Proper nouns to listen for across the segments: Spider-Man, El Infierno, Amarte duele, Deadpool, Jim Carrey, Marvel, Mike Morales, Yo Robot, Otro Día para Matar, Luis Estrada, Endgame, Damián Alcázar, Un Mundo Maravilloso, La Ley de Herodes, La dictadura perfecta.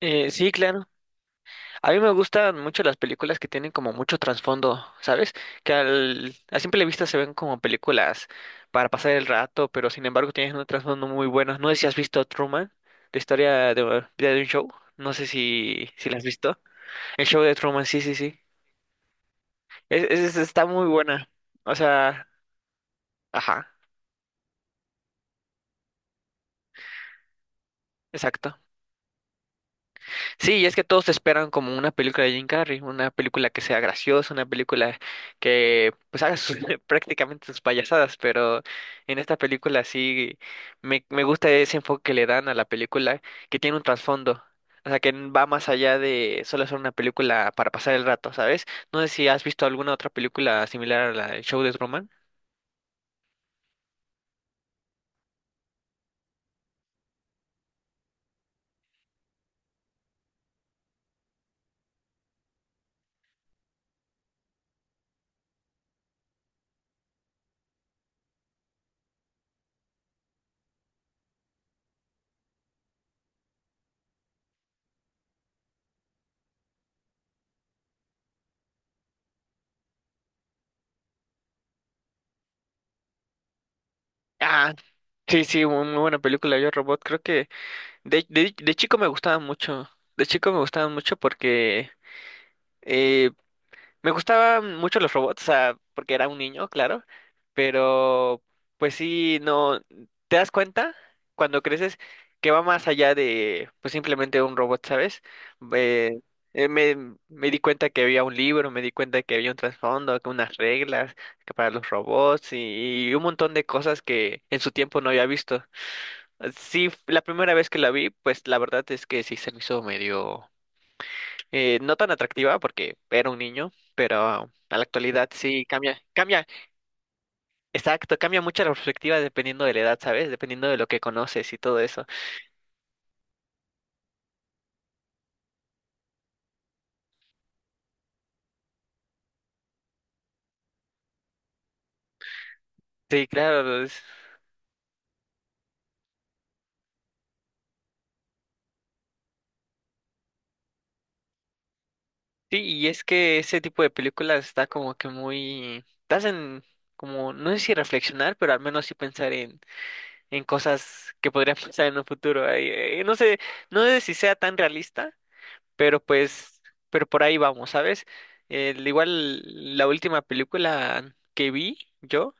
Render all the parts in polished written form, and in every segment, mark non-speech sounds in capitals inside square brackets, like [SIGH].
Sí, claro. A mí me gustan mucho las películas que tienen como mucho trasfondo, ¿sabes? Que a simple vista se ven como películas para pasar el rato, pero sin embargo tienen un trasfondo muy bueno. No sé si has visto Truman, la historia de vida de un show. No sé si la has visto. El Show de Truman, sí, sí, sí. Está muy buena. O sea, ajá, exacto. Sí, y es que todos esperan como una película de Jim Carrey, una película que sea graciosa, una película que pues haga [LAUGHS] prácticamente sus payasadas, pero en esta película sí me gusta ese enfoque que le dan a la película, que tiene un trasfondo, o sea, que va más allá de solo ser una película para pasar el rato, ¿sabes? No sé si has visto alguna otra película similar a la del Show de Truman. Ah, sí, sí, muy, muy buena película, Yo Robot. Creo que de chico me gustaba mucho. De chico me gustaba mucho porque eh, Me gustaban mucho los robots, o sea, porque era un niño, claro, pero pues sí, no, te das cuenta cuando creces que va más allá de pues simplemente un robot, ¿sabes? Eh, me di cuenta que había un libro, me di cuenta que había un trasfondo, que unas reglas que para los robots y un montón de cosas que en su tiempo no había visto. Sí, la primera vez que la vi, pues la verdad es que sí se me hizo medio no tan atractiva porque era un niño, pero a la actualidad sí cambia, cambia, exacto, cambia mucho la perspectiva dependiendo de la edad, ¿sabes? Dependiendo de lo que conoces y todo eso. Sí, claro, sí, y es que ese tipo de películas está como que muy, te hacen como, no sé si reflexionar, pero al menos sí pensar en, cosas que podrían [LAUGHS] pasar en un futuro. Ay, no sé si sea tan realista. pero pues, pero por ahí vamos, ¿sabes? Igual la última película que vi yo,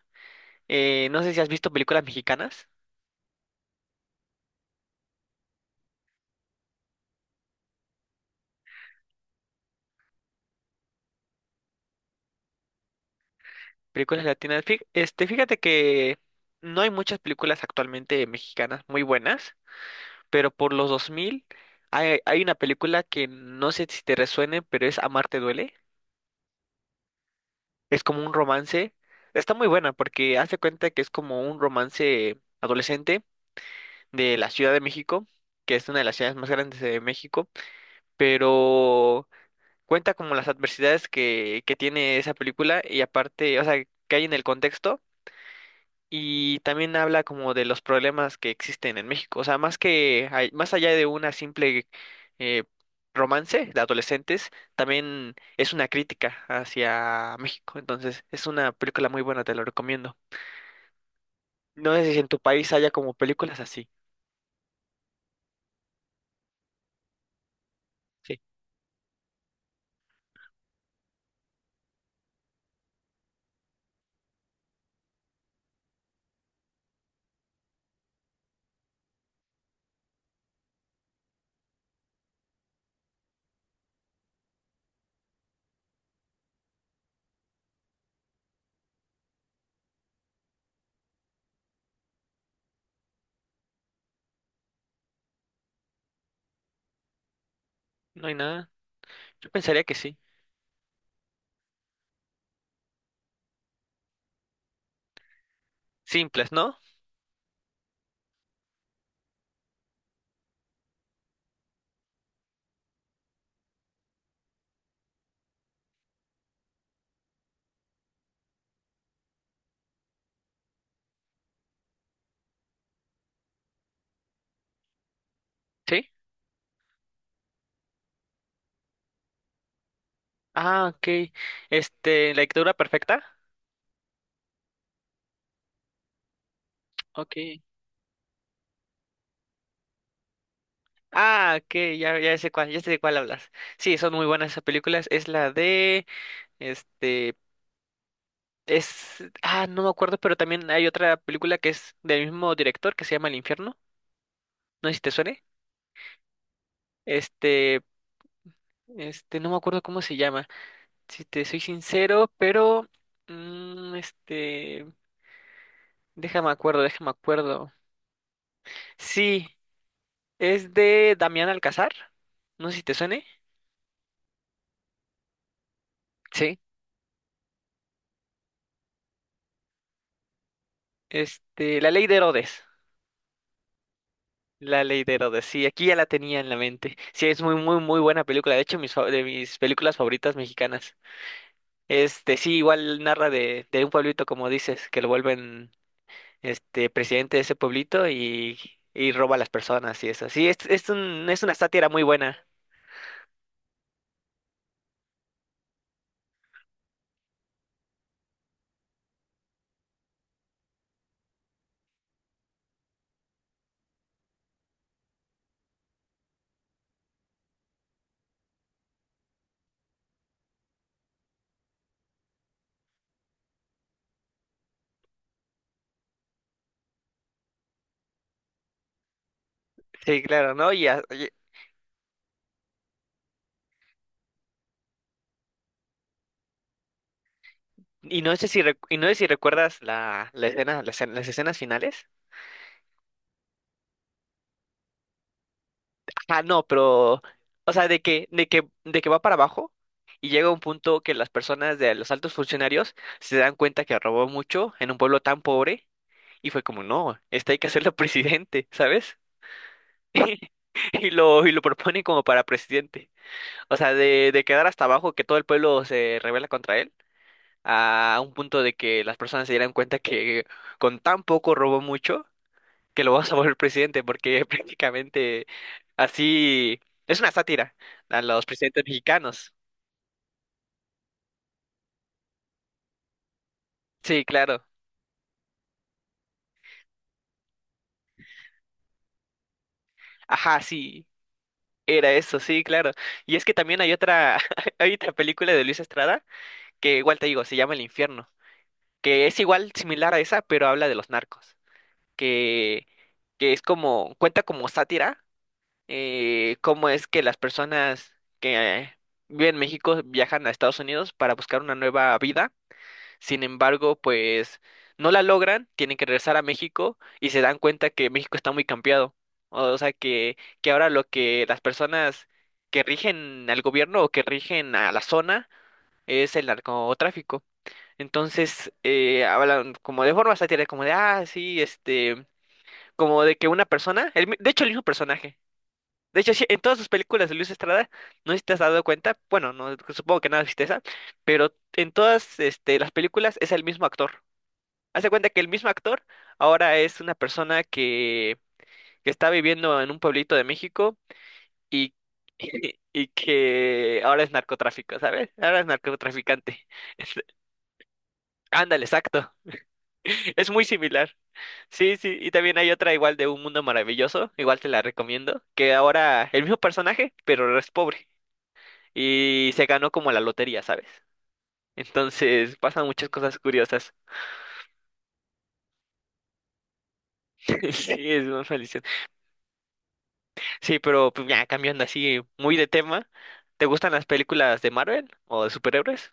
no sé si has visto películas mexicanas, películas latinas. Este, fíjate que no hay muchas películas actualmente mexicanas muy buenas, pero por los 2000 hay una película que no sé si te resuene, pero es Amarte duele. Es como un romance. Está muy buena porque hace cuenta que es como un romance adolescente de la Ciudad de México, que es una de las ciudades más grandes de México, pero cuenta como las adversidades que tiene esa película y aparte, o sea, que hay en el contexto, y también habla como de los problemas que existen en México. O sea, más que, más allá de una simple eh, romance de adolescentes, también es una crítica hacia México. Entonces es una película muy buena, te lo recomiendo. No sé si en tu país haya como películas así. Sí, no hay nada. Yo pensaría que sí. Simples, ¿no? Sí. Ah, ok. Este, La Dictadura Perfecta. Ok. Ah, ok, ya, sé cuál, ya sé de cuál hablas. Sí, son muy buenas esas películas. Es la de, este, no me acuerdo, pero también hay otra película que es del mismo director que se llama El Infierno. No sé si te suene. Este, no me acuerdo cómo se llama. Si te soy sincero, pero, este, déjame acuerdo. Sí, es de Damián Alcázar. No sé si te suene. Sí. Este, La Ley de Herodes. La Ley de Herodes, sí, aquí ya la tenía en la mente. Sí, es muy, muy, muy buena película. De hecho, de mis películas favoritas mexicanas. Este, sí, igual narra de, un pueblito, como dices, que lo vuelven este presidente de ese pueblito, y roba a las personas y eso. Sí, es una sátira muy buena. Sí, claro, ¿no? Y no sé si recuerdas las escenas finales. Ah, no, pero, o sea, de que va para abajo, y llega un punto que las personas de los altos funcionarios se dan cuenta que robó mucho en un pueblo tan pobre, y fue como, no, este hay que hacerlo presidente, ¿sabes? [LAUGHS] Y lo propone como para presidente. O sea, de quedar hasta abajo, que todo el pueblo se rebela contra él, a un punto de que las personas se dieran cuenta que con tan poco robó mucho, que lo vas a volver presidente, porque [LAUGHS] prácticamente así es una sátira a los presidentes mexicanos. Sí, claro. Ajá, sí, era eso, sí, claro. Y es que también hay otra, [LAUGHS] hay otra película de Luis Estrada que igual te digo, se llama El Infierno, que es igual similar a esa, pero habla de los narcos, que, que es como, cuenta como sátira, cómo es que las personas que viven en México viajan a Estados Unidos para buscar una nueva vida. Sin embargo, pues no la logran, tienen que regresar a México y se dan cuenta que México está muy cambiado. O sea, que ahora lo que las personas que rigen al gobierno o que rigen a la zona es el narcotráfico. Entonces, hablan como de forma satírica, como de, sí, este, como de que una persona, de hecho, el mismo personaje. De hecho, sí, en todas sus películas de Luis Estrada, no sé si te has dado cuenta, bueno, no, supongo que nada viste esa, pero en todas este, las películas es el mismo actor. Haz de cuenta que el mismo actor ahora es una persona que está viviendo en un pueblito de México y, [LAUGHS] y que ahora es narcotráfico, ¿sabes? Ahora es narcotraficante. [LAUGHS] Ándale, exacto. Es muy similar. Sí, sí, y también hay otra igual de Un Mundo Maravilloso, igual te la recomiendo, que ahora el mismo personaje, pero ahora es pobre y se ganó como la lotería, ¿sabes? Entonces pasan muchas cosas curiosas. [LAUGHS] Sí, es muy Sí, pero pues, ya cambiando así muy de tema, ¿te gustan las películas de Marvel o de superhéroes?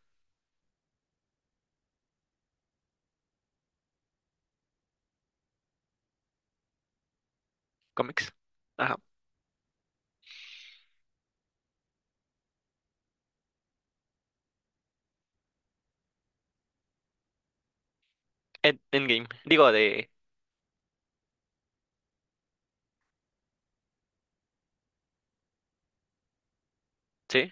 Cómics. Ajá. Endgame. Digo, de... Sí.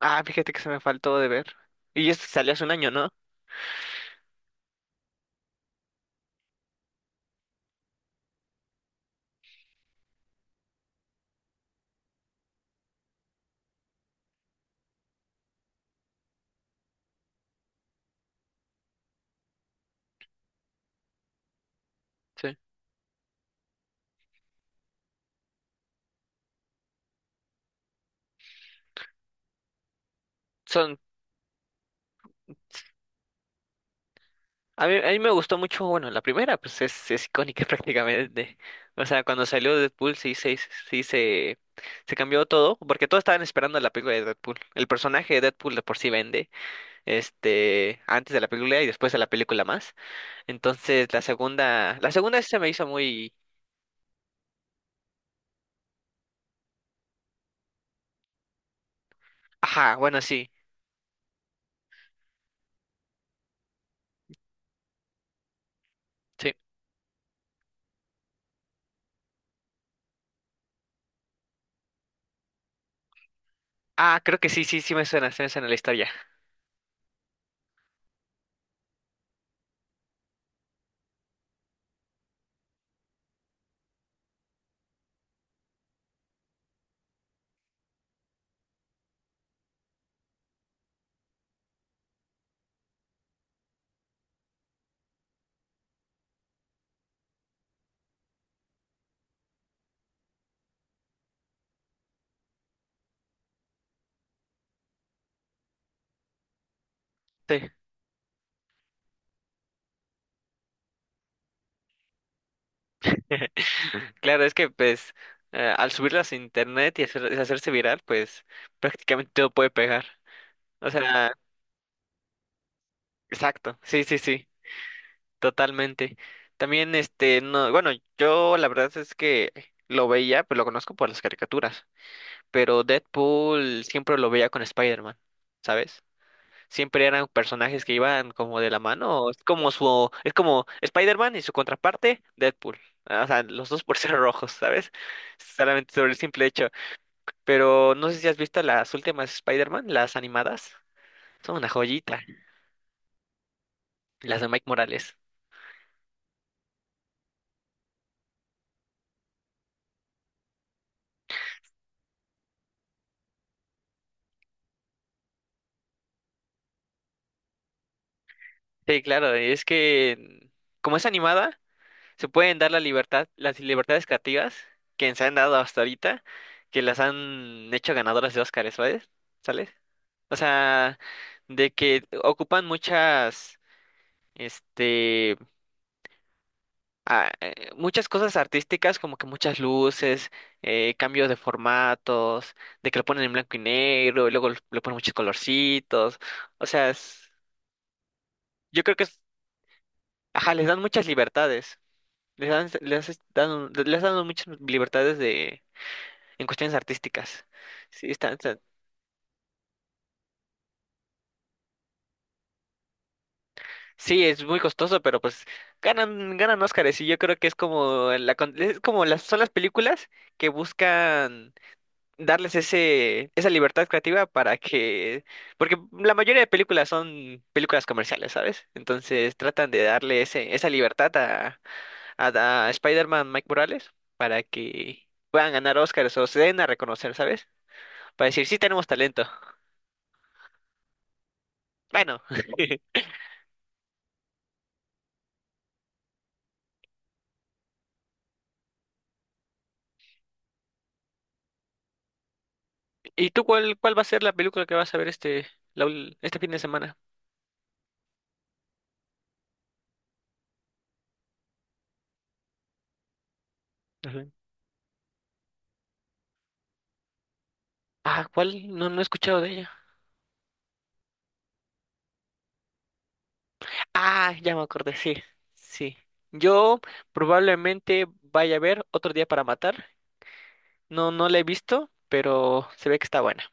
Ah, fíjate que se me faltó de ver. Y esto salió hace un año, ¿no? Sí. Son... A mí me gustó mucho, bueno, la primera, pues es icónica [LAUGHS] prácticamente. O sea, cuando salió Deadpool sí, sí, se, se cambió todo, porque todos estaban esperando la película de Deadpool. El personaje de Deadpool de por sí vende, este, antes de la película y después de la película más. Entonces la segunda se me hizo muy, ajá, bueno, sí, sí. Ah, creo que sí, sí, sí me suena, se me suena la historia. Sí. [LAUGHS] Claro, es que pues al subirlas a internet y hacerse viral, pues prácticamente todo puede pegar. O sea, exacto, sí, sí, sí, totalmente. También este, no, bueno, yo la verdad es que lo veía, pues lo conozco por las caricaturas, pero Deadpool siempre lo veía con Spider-Man, ¿sabes? Siempre eran personajes que iban como de la mano. Es como Spider-Man y su contraparte, Deadpool. Ah, o sea, los dos por [LAUGHS] ser rojos, ¿sabes? Solamente sobre el simple hecho. Pero no sé si has visto las últimas Spider-Man, las animadas. Son una joyita, las de Mike Morales. Sí, claro, es que como es animada, se pueden dar la libertad, las libertades creativas que se han dado hasta ahorita, que las han hecho ganadoras de Óscar, ¿sabes? ¿Sales? O sea, de que ocupan muchas, este, muchas cosas artísticas, como que muchas luces, cambios de formatos, de que lo ponen en blanco y negro, y luego lo ponen muchos colorcitos. O sea, yo creo que ajá, les dan muchas libertades. Les dan muchas libertades en cuestiones artísticas. Sí, están, sí, es muy costoso, pero pues ganan Óscares, y yo creo que es como la, es como las son las películas que buscan darles ese esa libertad creativa para que porque la mayoría de películas son películas comerciales, ¿sabes? Entonces tratan de darle ese esa libertad a Spider-Man Mike Morales para que puedan ganar Óscares o se den a reconocer, ¿sabes? Para decir, sí tenemos talento. Bueno. [LAUGHS] ¿Y tú cuál va a ser la película que vas a ver este fin de semana? Ujú. Ah, ¿cuál? No, no he escuchado de ella. Ah, ya me acordé, sí, sí. Yo probablemente vaya a ver Otro Día para Matar. No, no la he visto, pero se ve que está buena.